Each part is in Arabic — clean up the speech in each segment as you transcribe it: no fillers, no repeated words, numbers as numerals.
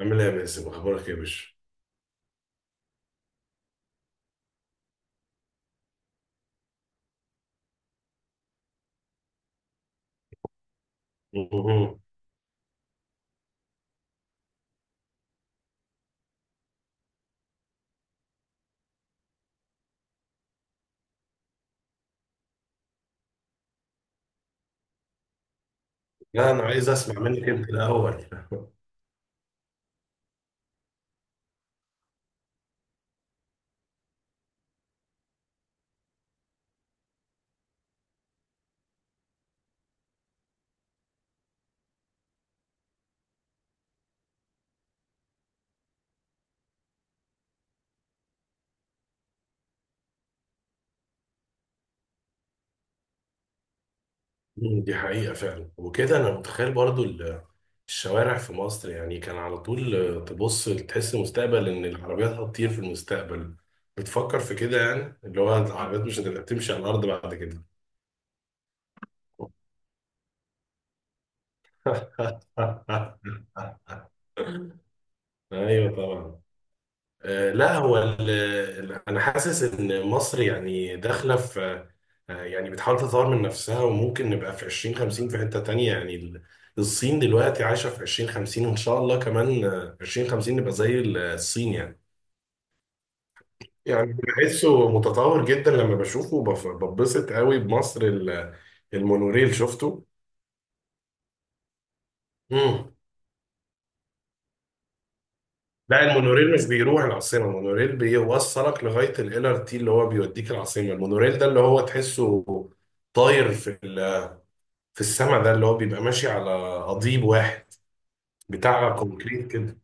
عامل ايه يا باسم؟ اخبارك ايه يا باشا؟ مهم. لا انا عايز اسمع منك انت الاول. دي حقيقه فعلا وكده. انا متخيل برضو الشوارع في مصر، يعني كان على طول، تبص تحس المستقبل ان العربيات هتطير في المستقبل. بتفكر في كده، يعني اللي هو العربيات مش هتبقى تمشي على الارض بعد كده. ايوه طبعا. لا هو انا حاسس ان مصر يعني داخله في، يعني بتحاول تطور من نفسها، وممكن نبقى في 2050 في حته تانية، يعني الصين دلوقتي عايشه في 2050، وان شاء الله كمان 2050 نبقى زي الصين يعني. يعني بحسه متطور جدا لما بشوفه، ببسط قوي بمصر المونوريل شفته. مم. لا، المونوريل مش بيروح العاصمة، المونوريل بيوصلك لغاية ال LRT اللي هو بيوديك العاصمة. المونوريل ده اللي هو تحسه طاير في السما، ده اللي هو بيبقى ماشي على قضيب واحد بتاع كونكريت كده.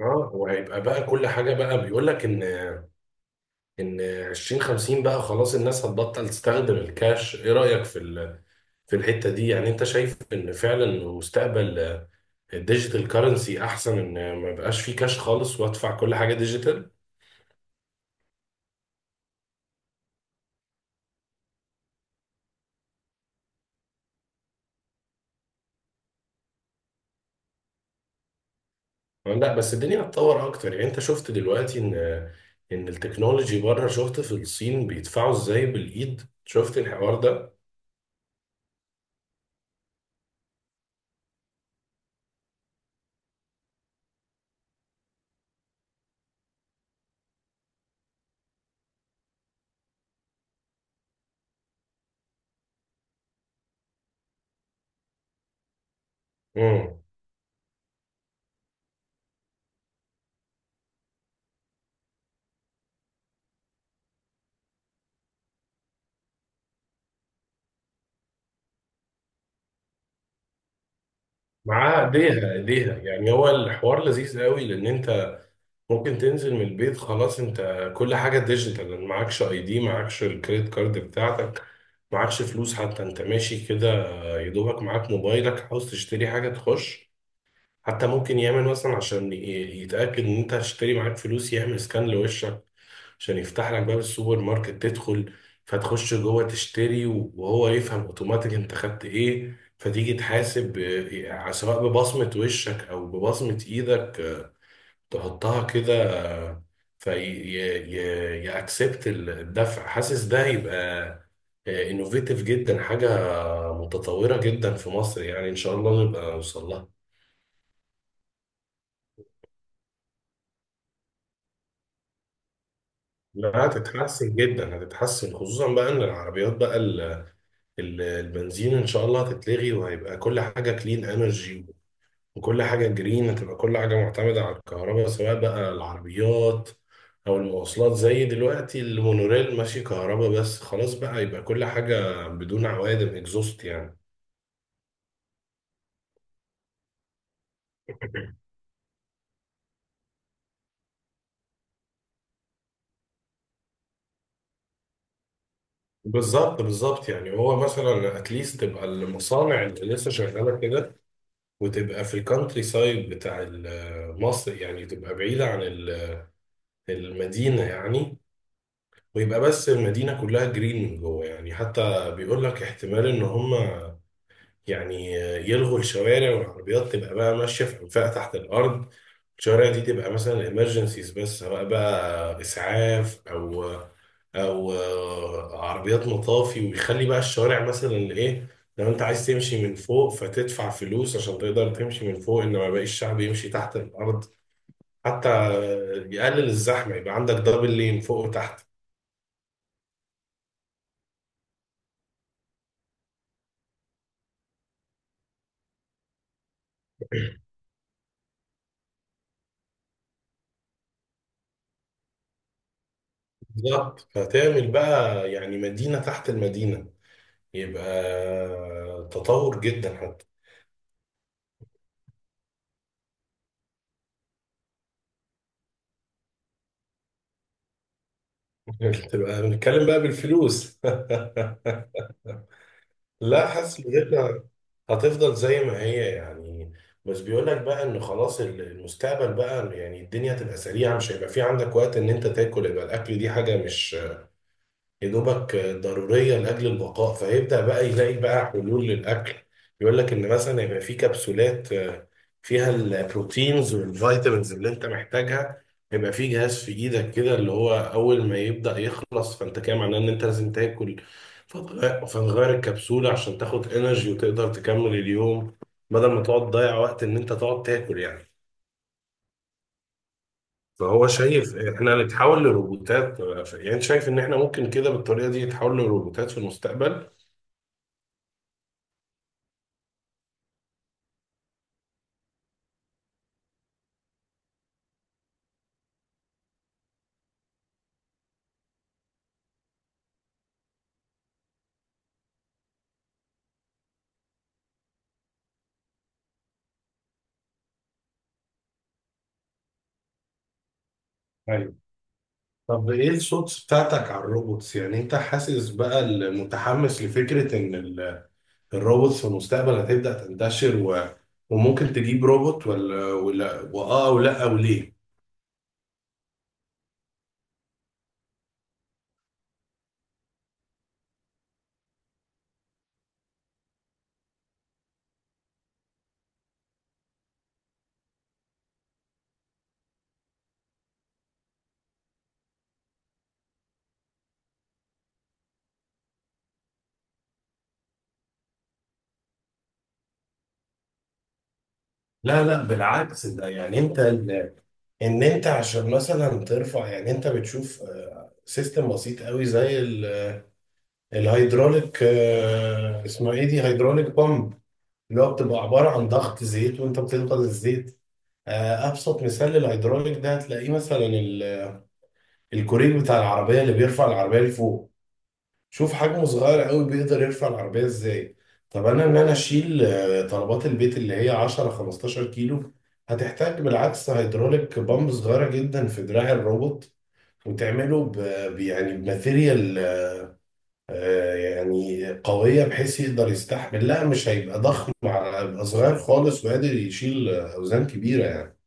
اه، وهيبقى بقى كل حاجه، بقى بيقول لك ان 2050 بقى خلاص الناس هتبطل تستخدم الكاش. ايه رايك في الحته دي؟ يعني انت شايف ان فعلا مستقبل الديجيتال كارنسي احسن، ان ما يبقاش فيه كاش خالص وادفع كل حاجه ديجيتال؟ لا بس الدنيا هتطور اكتر، يعني انت شفت دلوقتي ان التكنولوجي بره، شفت في الصين بيدفعوا ازاي بالايد؟ شفت الحوار ده؟ معاه ايديها ايديها. يعني هو الحوار لذيذ قوي لان انت ممكن تنزل من البيت خلاص، انت كل حاجه ديجيتال. معكش اي دي، معكش الكريدت كارد بتاعتك، معكش فلوس، حتى انت ماشي كده يا دوبك معاك موبايلك. عاوز تشتري حاجه تخش. حتى ممكن يعمل مثلا عشان يتاكد ان انت هتشتري، معاك فلوس، يعمل سكان لوشك عشان يفتح لك باب السوبر ماركت تدخل. فتخش جوه تشتري، وهو يفهم اوتوماتيك انت خدت ايه، فتيجي تحاسب، سواء ببصمة وشك او ببصمة ايدك، تحطها كده آه، في يأكسبت الدفع. حاسس ده هيبقى انوفيتيف جدا، حاجة متطورة جدا في مصر. يعني ان شاء الله نبقى نوصل لها. لا، هتتحسن جدا، هتتحسن خصوصا بقى ان العربيات بقى البنزين ان شاء الله هتتلغي، وهيبقى كل حاجه كلين انرجي، وكل حاجه جرين. هتبقى كل حاجه معتمده على الكهرباء، سواء بقى العربيات او المواصلات. زي دلوقتي المونوريل ماشي كهرباء بس خلاص، بقى يبقى كل حاجه بدون عوادم اكزوست يعني. بالظبط بالظبط. يعني هو مثلا اتليست تبقى المصانع اللي لسه شغاله كده وتبقى في الكانتري سايد بتاع مصر، يعني تبقى بعيده عن المدينه يعني. ويبقى بس المدينة كلها جرين من جوه يعني. حتى بيقول لك احتمال ان هم يعني يلغوا الشوارع، والعربيات تبقى بقى ماشية في أنفاق تحت الأرض. الشوارع دي تبقى مثلا الامرجنسيز بس، سواء بقى إسعاف أو عربيات مطافي. ويخلي بقى الشوارع مثلا إيه، لو أنت عايز تمشي من فوق فتدفع فلوس عشان تقدر تمشي من فوق، إنما باقي الشعب يمشي تحت الأرض. حتى يقلل الزحمة، يبقى عندك دبل لين فوق وتحت. بالظبط. فتعمل بقى يعني مدينة تحت المدينة، يبقى تطور جدا حتى. تبقى بنتكلم بقى بالفلوس. لا، حاسس بجد هتفضل زي ما هي يعني. بس بيقول لك بقى ان خلاص المستقبل بقى يعني الدنيا هتبقى سريعة، مش هيبقى في عندك وقت ان انت تاكل. يبقى الاكل دي حاجة مش يا دوبك ضرورية لأجل البقاء، فيبدأ بقى يلاقي بقى حلول للأكل. يقول لك إن مثلا يبقى في كبسولات فيها البروتينز والفيتامينز اللي أنت محتاجها. يبقى في جهاز في إيدك كده اللي هو أول ما يبدأ يخلص فأنت كده معناه إن أنت لازم تاكل. فتغير الكبسولة عشان تاخد إنرجي وتقدر تكمل اليوم، بدل ما تقعد تضيع وقت إن أنت تقعد تاكل يعني. فهو شايف إحنا نتحول لروبوتات. يعني شايف إن إحنا ممكن كده بالطريقة دي نتحول لروبوتات في المستقبل. ايوه. طب ايه الصوت بتاعتك على الروبوتس؟ يعني انت حاسس بقى، المتحمس لفكرة ان الروبوتس في المستقبل هتبدأ تنتشر، وممكن تجيب روبوت، ولا واه، او لا، او ليه؟ لا لا، بالعكس. ده يعني ان انت عشان مثلا ترفع، يعني انت بتشوف سيستم بسيط قوي زي الهيدروليك. اسمها ايه دي، هيدروليك بامب، اللي هو بتبقى عبارة عن ضغط زيت وانت بتضغط الزيت. ابسط مثال للهيدروليك ده هتلاقيه مثلا الكوريك بتاع العربيه اللي بيرفع العربيه لفوق. شوف حجمه صغير قوي، بيقدر يرفع العربيه ازاي. طب انا، ان انا اشيل طلبات البيت اللي هي 10 15 كيلو، هتحتاج بالعكس هيدروليك بامب صغيره جدا في دراع الروبوت. وتعمله ب يعني بماتيريال، يعني قويه بحيث يقدر يستحمل. لا، مش هيبقى ضخم هيبقى صغير خالص وقادر يشيل اوزان كبيره يعني.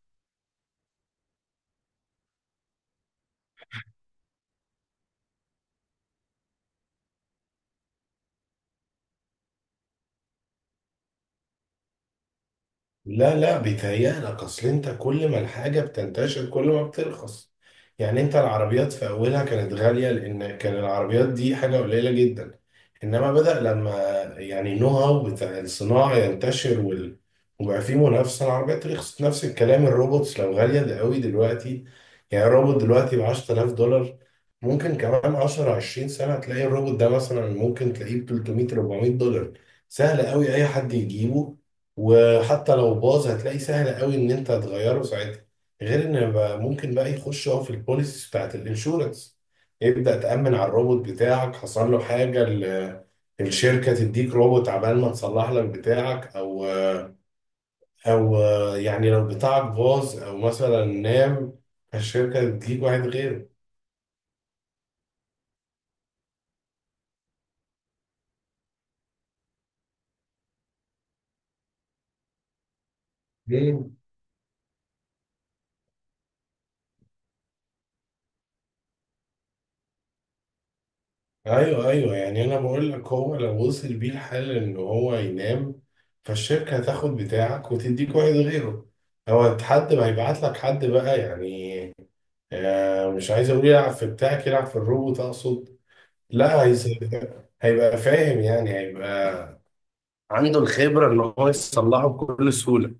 لا لا، بيتهيألك. اصل انت كل ما الحاجه بتنتشر كل ما بترخص، يعني انت العربيات في اولها كانت غاليه لان كان العربيات دي حاجه قليله جدا. انما بدأ لما يعني النو هاو بتاع الصناعه ينتشر وبقى في منافسه، العربيات رخصت. نفس الكلام الروبوتس. لو غاليه ده قوي دلوقتي، يعني الروبوت دلوقتي ب 10,000 دولار، ممكن كمان 10 20 سنه تلاقي الروبوت ده مثلا ممكن تلاقيه ب 300 400 دولار. سهل قوي اي حد يجيبه. وحتى لو باظ هتلاقي سهل قوي ان انت تغيره ساعتها. غير ان بقى ممكن بقى يخش هو في البوليسيز بتاعت الانشورنس. يبدأ تأمن على الروبوت بتاعك، حصل له حاجة الشركة تديك روبوت عبال ما تصلح لك بتاعك. او يعني لو بتاعك باظ او مثلا نام، الشركة تديك واحد غيره. ايوه ايوه. يعني انا بقول لك، هو لو وصل بيه الحال ان هو ينام، فالشركه هتاخد بتاعك وتديك واحد غيره. هو حد ما هيبعت لك حد بقى يعني. آه، مش عايز اقول يلعب في بتاعك، يلعب في الروبوت اقصد. لا هيسيبك. هيبقى فاهم يعني، هيبقى عنده الخبره ان هو يصلحه بكل سهوله.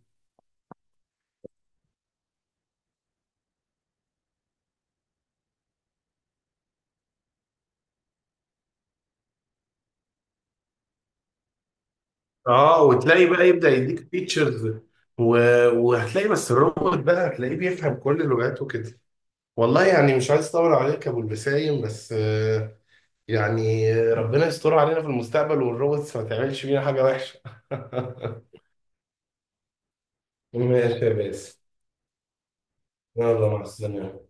اه، وتلاقي بقى يبدا يديك فيتشرز و... وهتلاقي بس الروبوت بقى هتلاقيه بيفهم كل لغاته كده. والله يعني مش عايز اطول عليك يا ابو البسايم، بس يعني ربنا يستر علينا في المستقبل والروبوتس ما تعملش فينا حاجه وحشه. ماشي يا باسم. يلا مع السلامه.